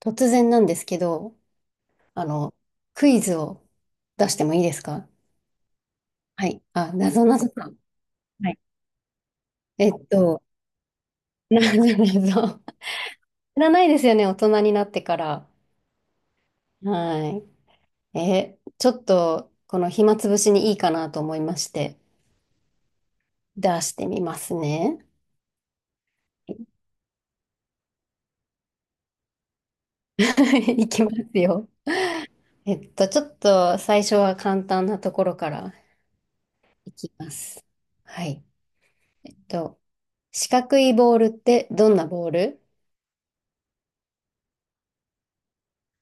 突然なんですけど、あの、クイズを出してもいいですか？はい。あ、なぞなぞか。はい。えっと、なぞなぞ。知らないですよね、大人になってから。はい。ちょっと、この暇つぶしにいいかなと思いまして、出してみますね。はい、いきますよ。ちょっと最初は簡単なところからいきます。はい。えっと、四角いボールってどんなボール？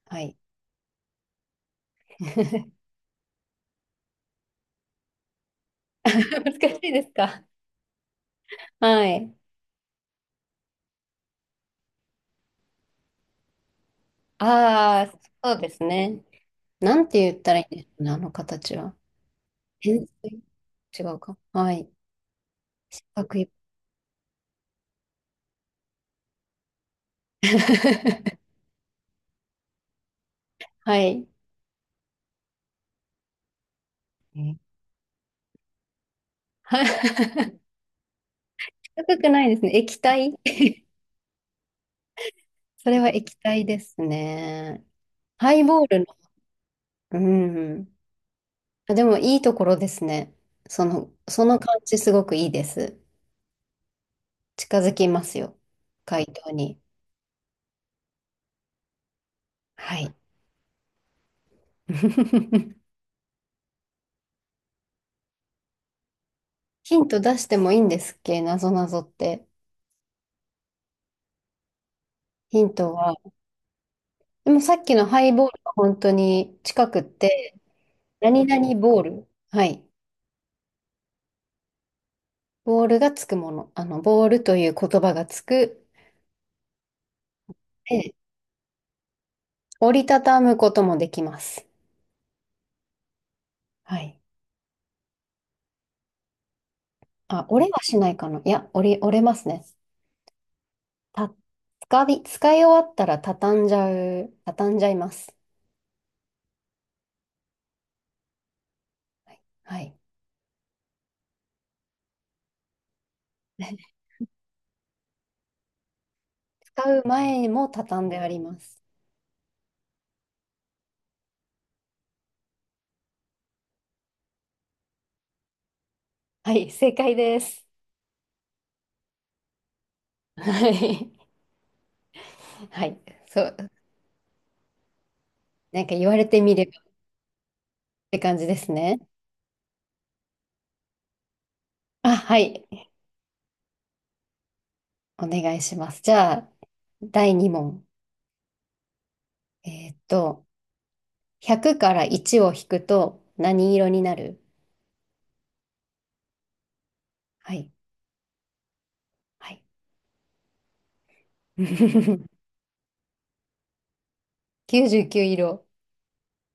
はい。難しいですか。はい。ああ、そうですね。なんて言ったらいいんですかね、あの形は。変水違うか。はい。角い はい。えはい 高くないですね。液体それは液体ですね。ハイボールの。うん。あ、でもいいところですね。その感じすごくいいです。近づきますよ。回答に。はい。ヒント出してもいいんですっけ、なぞなぞって。ヒントは、でもさっきのハイボールは本当に近くって、何々ボール。はい。ボールがつくもの。ボールという言葉がつく。で、折りたたむこともできます。はい。あ、折れはしないかな。いや、折れますね。た、使い終わったら畳んじゃう、畳んじゃいます。はい。はい 使う前も畳んであります。はい、正解です。はい。はい。そう。なんか言われてみればって感じですね。あ、はい。お願いします。じゃあ、第2問。えーっと、100から1を引くと何色になる？はい。はい。99色。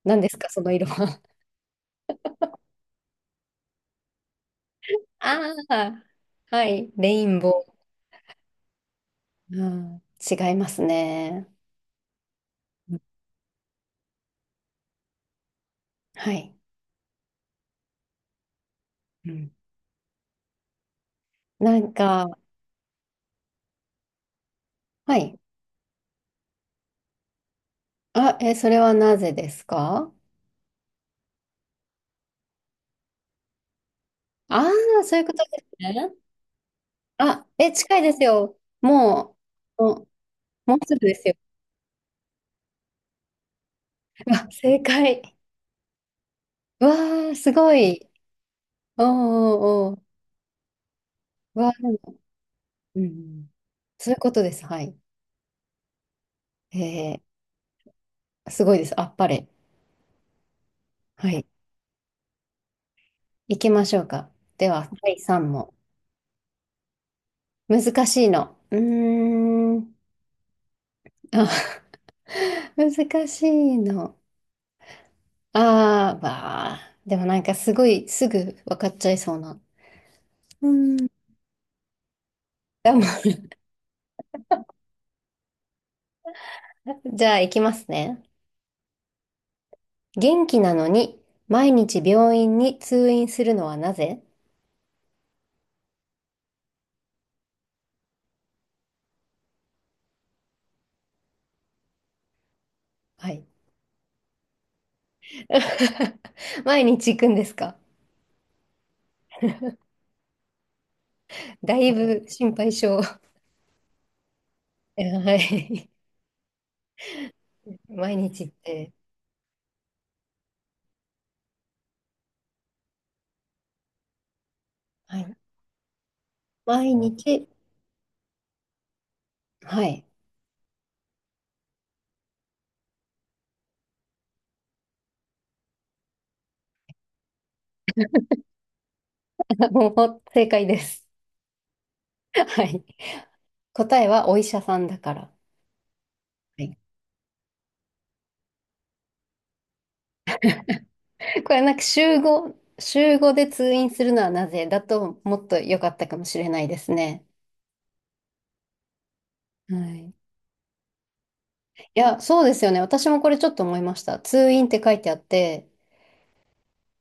何ですか、その色は。ああ、はい。レインボー。うん、違いますね。うん、はい。うん、なんか、はい。あ、え、それはなぜですか？ああー、そういうことですね。あ、え、近いですよ。もう、もう、もうすぐですよ。あ、正解。わあ、すごい。おーおーおー。わあ、でも、うん。そういうことです。はい。えすごいです。あっぱれ。はい。行きましょうか。では、第三問。難しいの。うーん。あ、難しいの。あー、わあ。でもなんかすごいすぐ分かっちゃいそうな。うん。でも じゃあ、行きますね。元気なのに、毎日病院に通院するのはなぜ？はい。毎日行くんですか？だいぶ心配性。はい。毎日行って。はい。毎日。はい。もう正解です。はい。答えはお医者さんだから。はい。これなんか週5で通院するのはなぜだともっと良かったかもしれないですね。はい。いや、そうですよね。私もこれちょっと思いました。通院って書いてあって、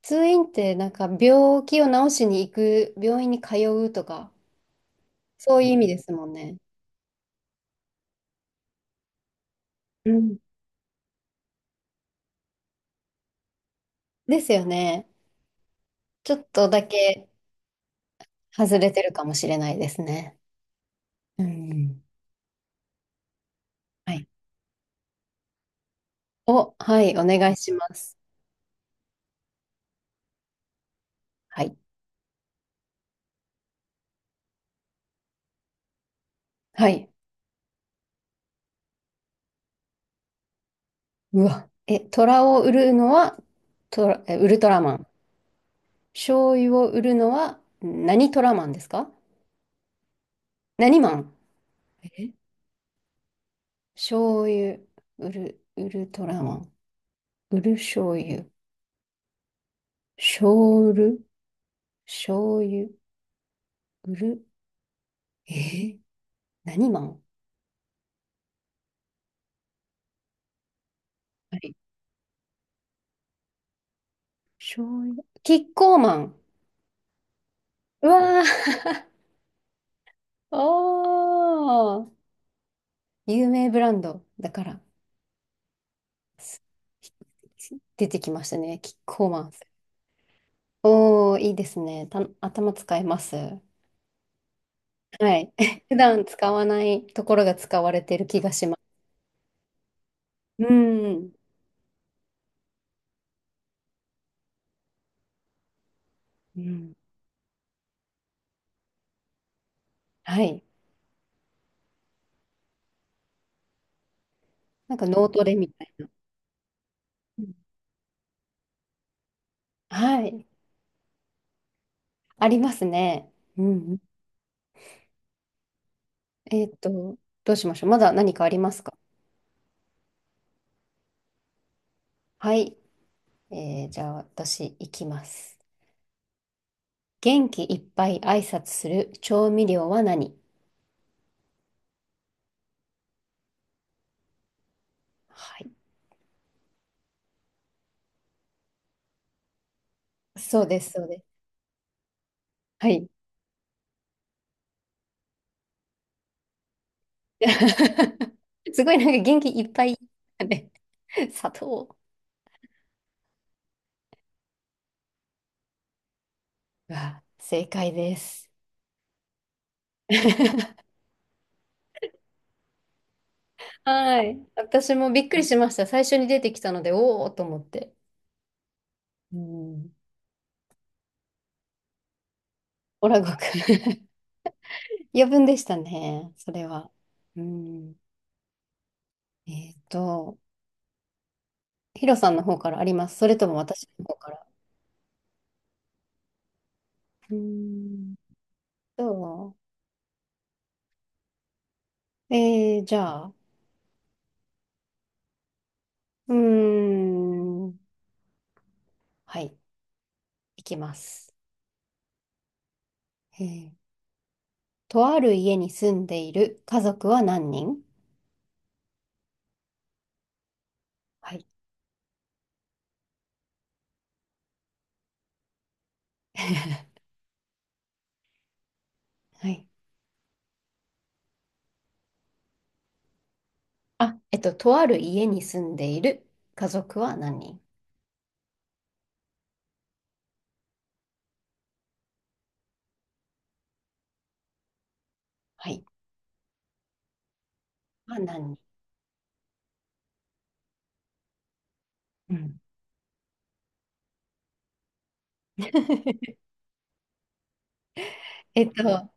通院ってなんか病気を治しに行く、病院に通うとか、そういう意味ですもんね。うん。ですよね。ちょっとだけ外れてるかもしれないですね。うん。はい。お、はい、お願いします。はい。はい。うわ。え、虎を売るのは、トラ、ウルトラマン。醤油を売るのは、何トラマンですか？何マン？え醤油、売る、ウルトラマン。売る醤油。醤油、醤油、売る。えー何マン？はい、醤油。キッコーマン。うわー。おー。有名ブランドだから。す出てきましたね。キッコーマン。おー、いいですね。頭使います。はい。普段使わないところが使われてる気がします。うん。うん。はい。なんか脳トレみたいな。うん、はい。ありますね。うん。えっと、どうしましょう。まだ何かありますか？はい。じゃあ私、行きます。元気いっぱい挨拶する調味料は何？はい。そうです、そうです。はい。すごいなんか元気いっぱい。ね、砂糖が正解です。はい。私もびっくりしました。最初に出てきたので、おおと思って。うん。オラゴくん 余分でしたね、それは。うん。えっと、ヒロさんの方からあります。それとも私の方から？うんと、じゃあ、うーん。はい、いきます。えーとある家に住んでいる家族は何人？はい。はい。あ、とある家に住んでいる家族は何人？はい。は何人？うん。えっと、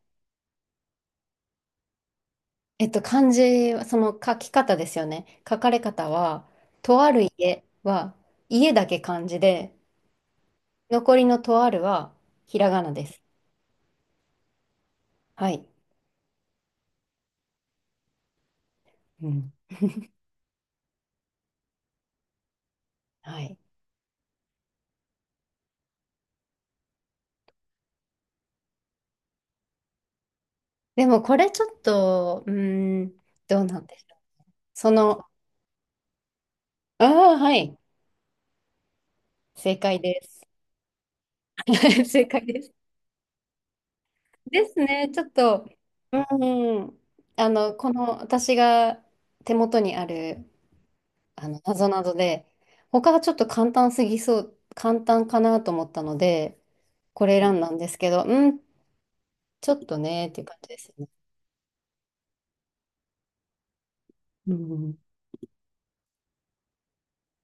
漢字は、その書き方ですよね。書かれ方は、とある家は、家だけ漢字で、残りのとあるは、ひらがなです。はい。うん。はい。でもこれちょっと、ん、どうなんでしょう。その、ああ、はい、正解です。正解です。ですね、ちょっと、うん、この私が手元にある、なぞなぞで、他がちょっと簡単すぎそう、簡単かなと思ったので、これ選んだんですけど、うん、ちょっとね、っていう感じですね。うん